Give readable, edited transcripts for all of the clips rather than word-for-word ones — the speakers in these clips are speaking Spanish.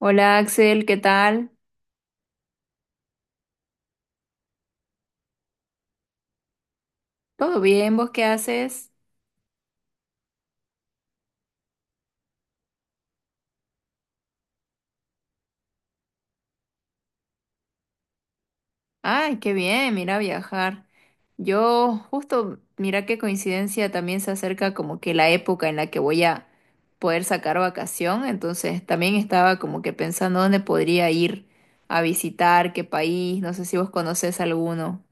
Hola Axel, ¿qué tal? ¿Todo bien? ¿Vos qué haces? Ay, qué bien, mira viajar. Yo justo, mira qué coincidencia, también se acerca como que la época en la que voy a poder sacar vacación, entonces también estaba como que pensando dónde podría ir a visitar, qué país, no sé si vos conocés alguno.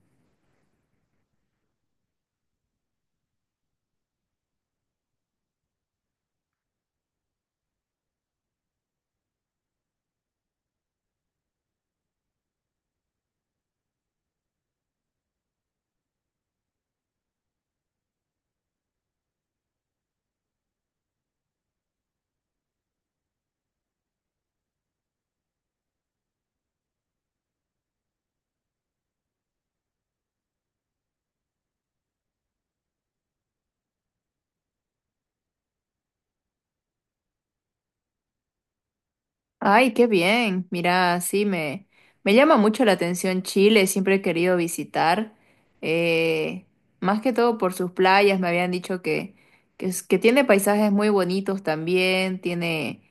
Ay, qué bien. Mira, sí, me llama mucho la atención Chile, siempre he querido visitar, eh, más que todo por sus playas, me habían dicho que tiene paisajes muy bonitos también, tiene,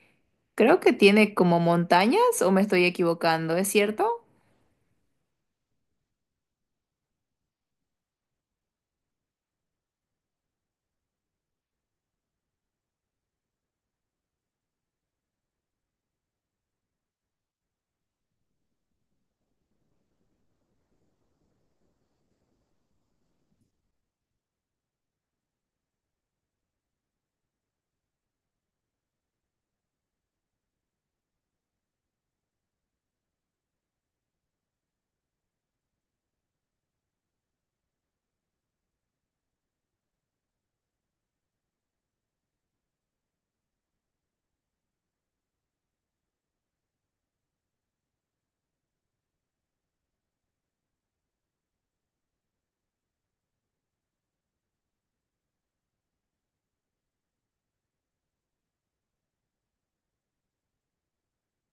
creo que tiene como montañas o me estoy equivocando, ¿es cierto?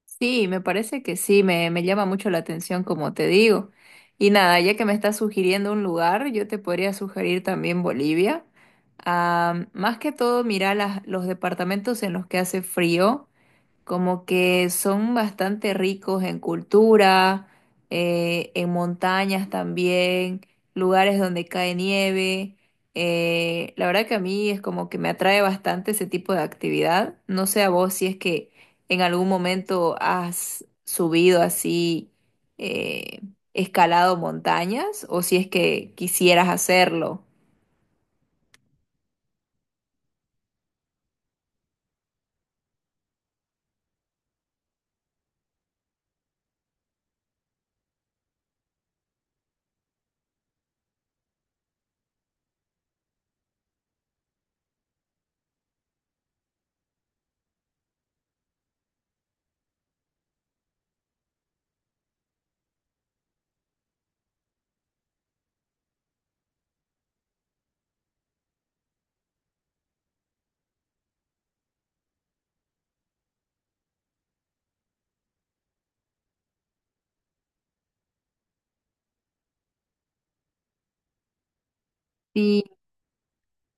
Sí, me parece que sí, me llama mucho la atención, como te digo. Y nada, ya que me estás sugiriendo un lugar, yo te podría sugerir también Bolivia. Ah, más que todo, mira los departamentos en los que hace frío como que son bastante ricos en cultura, en montañas también, lugares donde cae nieve. La verdad que a mí es como que me atrae bastante ese tipo de actividad. No sé a vos si es que en algún momento has subido así, eh, escalado montañas o si es que quisieras hacerlo.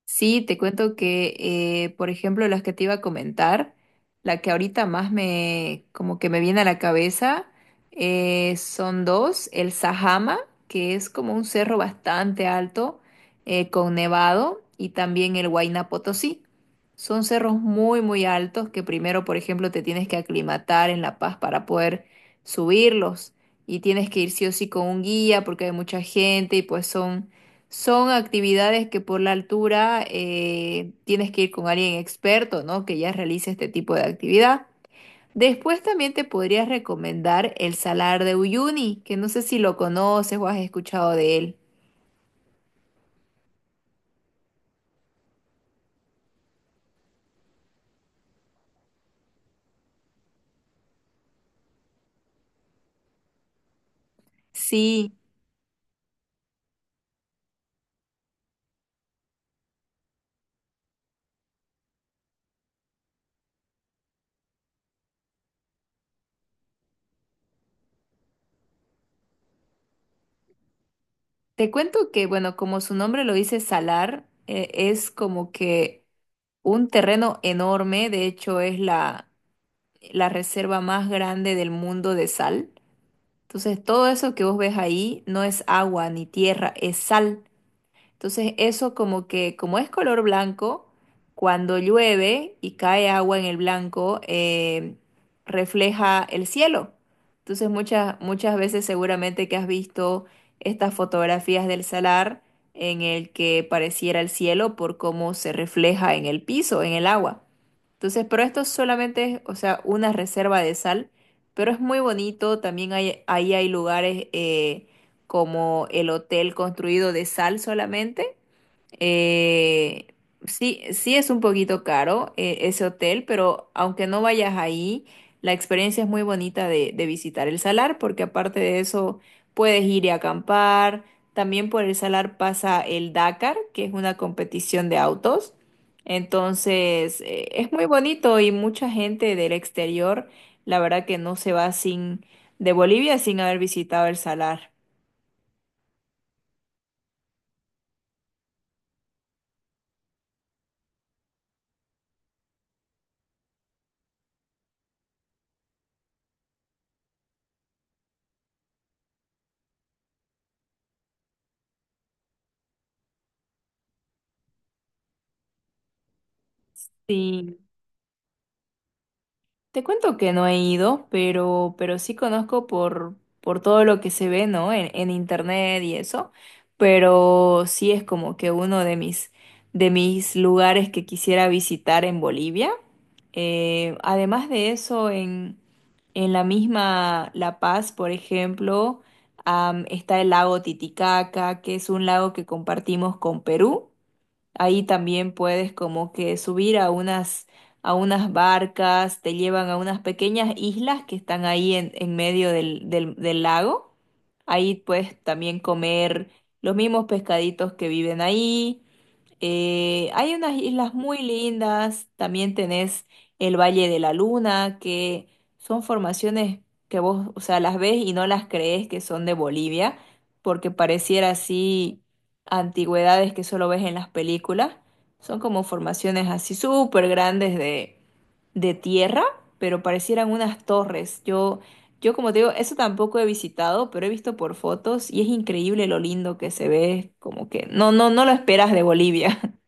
Sí, te cuento que, por ejemplo, las que te iba a comentar, la que ahorita más me, como que me viene a la cabeza, son dos, el Sajama, que es como un cerro bastante alto, con nevado, y también el Huayna Potosí. Son cerros muy, muy altos que primero, por ejemplo, te tienes que aclimatar en La Paz para poder subirlos, y tienes que ir sí o sí con un guía porque hay mucha gente y pues son actividades que por la altura tienes que ir con alguien experto, ¿no? Que ya realice este tipo de actividad. Después también te podría recomendar el Salar de Uyuni, que no sé si lo conoces o has escuchado de él. Sí, te cuento que, bueno, como su nombre lo dice, salar, es como que un terreno enorme, de hecho es la reserva más grande del mundo de sal. Entonces todo eso que vos ves ahí no es agua ni tierra, es sal. Entonces eso como que, como es color blanco, cuando llueve y cae agua en el blanco, refleja el cielo. Entonces muchas, muchas veces seguramente que has visto estas fotografías del salar en el que pareciera el cielo por cómo se refleja en el piso, en el agua. Entonces, pero esto solamente es, o sea, una reserva de sal, pero es muy bonito, también hay, ahí hay lugares, como el hotel construido de sal solamente. Eh, sí, sí es un poquito caro ese hotel, pero aunque no vayas ahí, la experiencia es muy bonita de visitar el salar, porque aparte de eso puedes ir y acampar. También por el salar pasa el Dakar, que es una competición de autos. Entonces, es muy bonito y mucha gente del exterior, la verdad que no se va sin de Bolivia sin haber visitado el salar. Sí, te cuento que no he ido, pero sí conozco por todo lo que se ve, ¿no? En internet y eso. Pero sí es como que uno de mis lugares que quisiera visitar en Bolivia. Además de eso, en la misma La Paz, por ejemplo, está el lago Titicaca, que es un lago que compartimos con Perú. Ahí también puedes como que subir a a unas barcas, te llevan a unas pequeñas islas que están ahí en medio del lago. Ahí puedes también comer los mismos pescaditos que viven ahí. Hay unas islas muy lindas, también tenés el Valle de la Luna, que son formaciones que vos, o sea, las ves y no las crees que son de Bolivia, porque pareciera así antigüedades que solo ves en las películas. Son como formaciones así súper grandes de tierra, pero parecieran unas torres. Yo como te digo, eso tampoco he visitado, pero he visto por fotos y es increíble lo lindo que se ve, como que no, no, no lo esperas de Bolivia.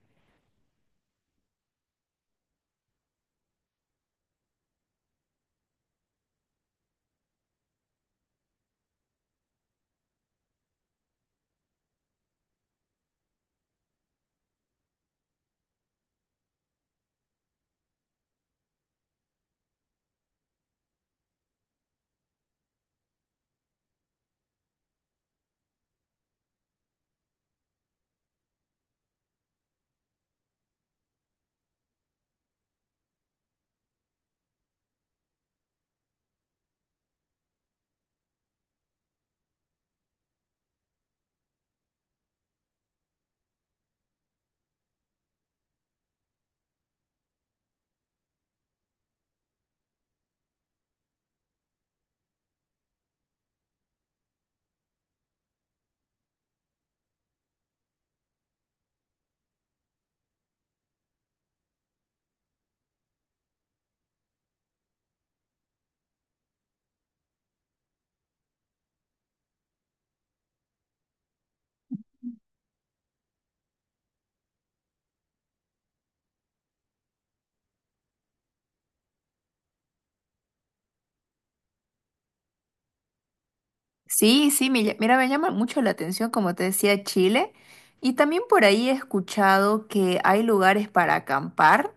Sí, sí, mira, me llama mucho la atención, como te decía, Chile. Y también por ahí he escuchado que hay lugares para acampar,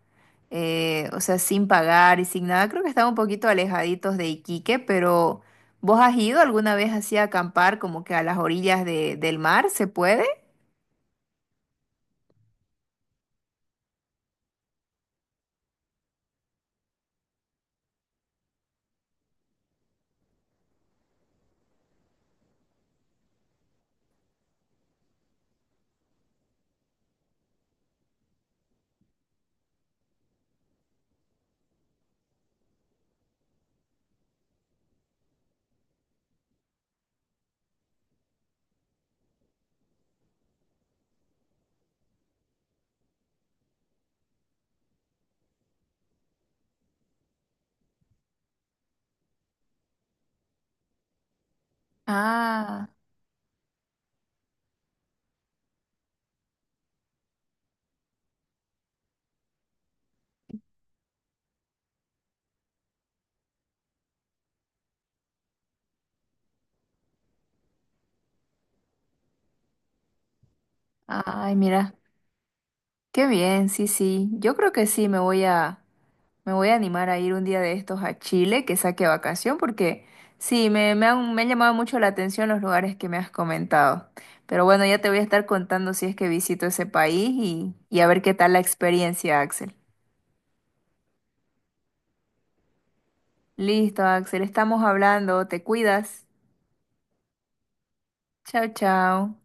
o sea, sin pagar y sin nada. Creo que están un poquito alejaditos de Iquique, pero ¿vos has ido alguna vez así a acampar, como que a las orillas de- del mar? ¿Se puede? Ah, ay, mira. Qué bien, sí, sí. Yo creo que sí, me voy a animar a ir un día de estos a Chile, que saque vacación, porque sí, me han llamado mucho la atención los lugares que me has comentado. Pero bueno, ya te voy a estar contando si es que visito ese país y a ver qué tal la experiencia, Axel. Listo, Axel, estamos hablando, te cuidas. Chao, chao.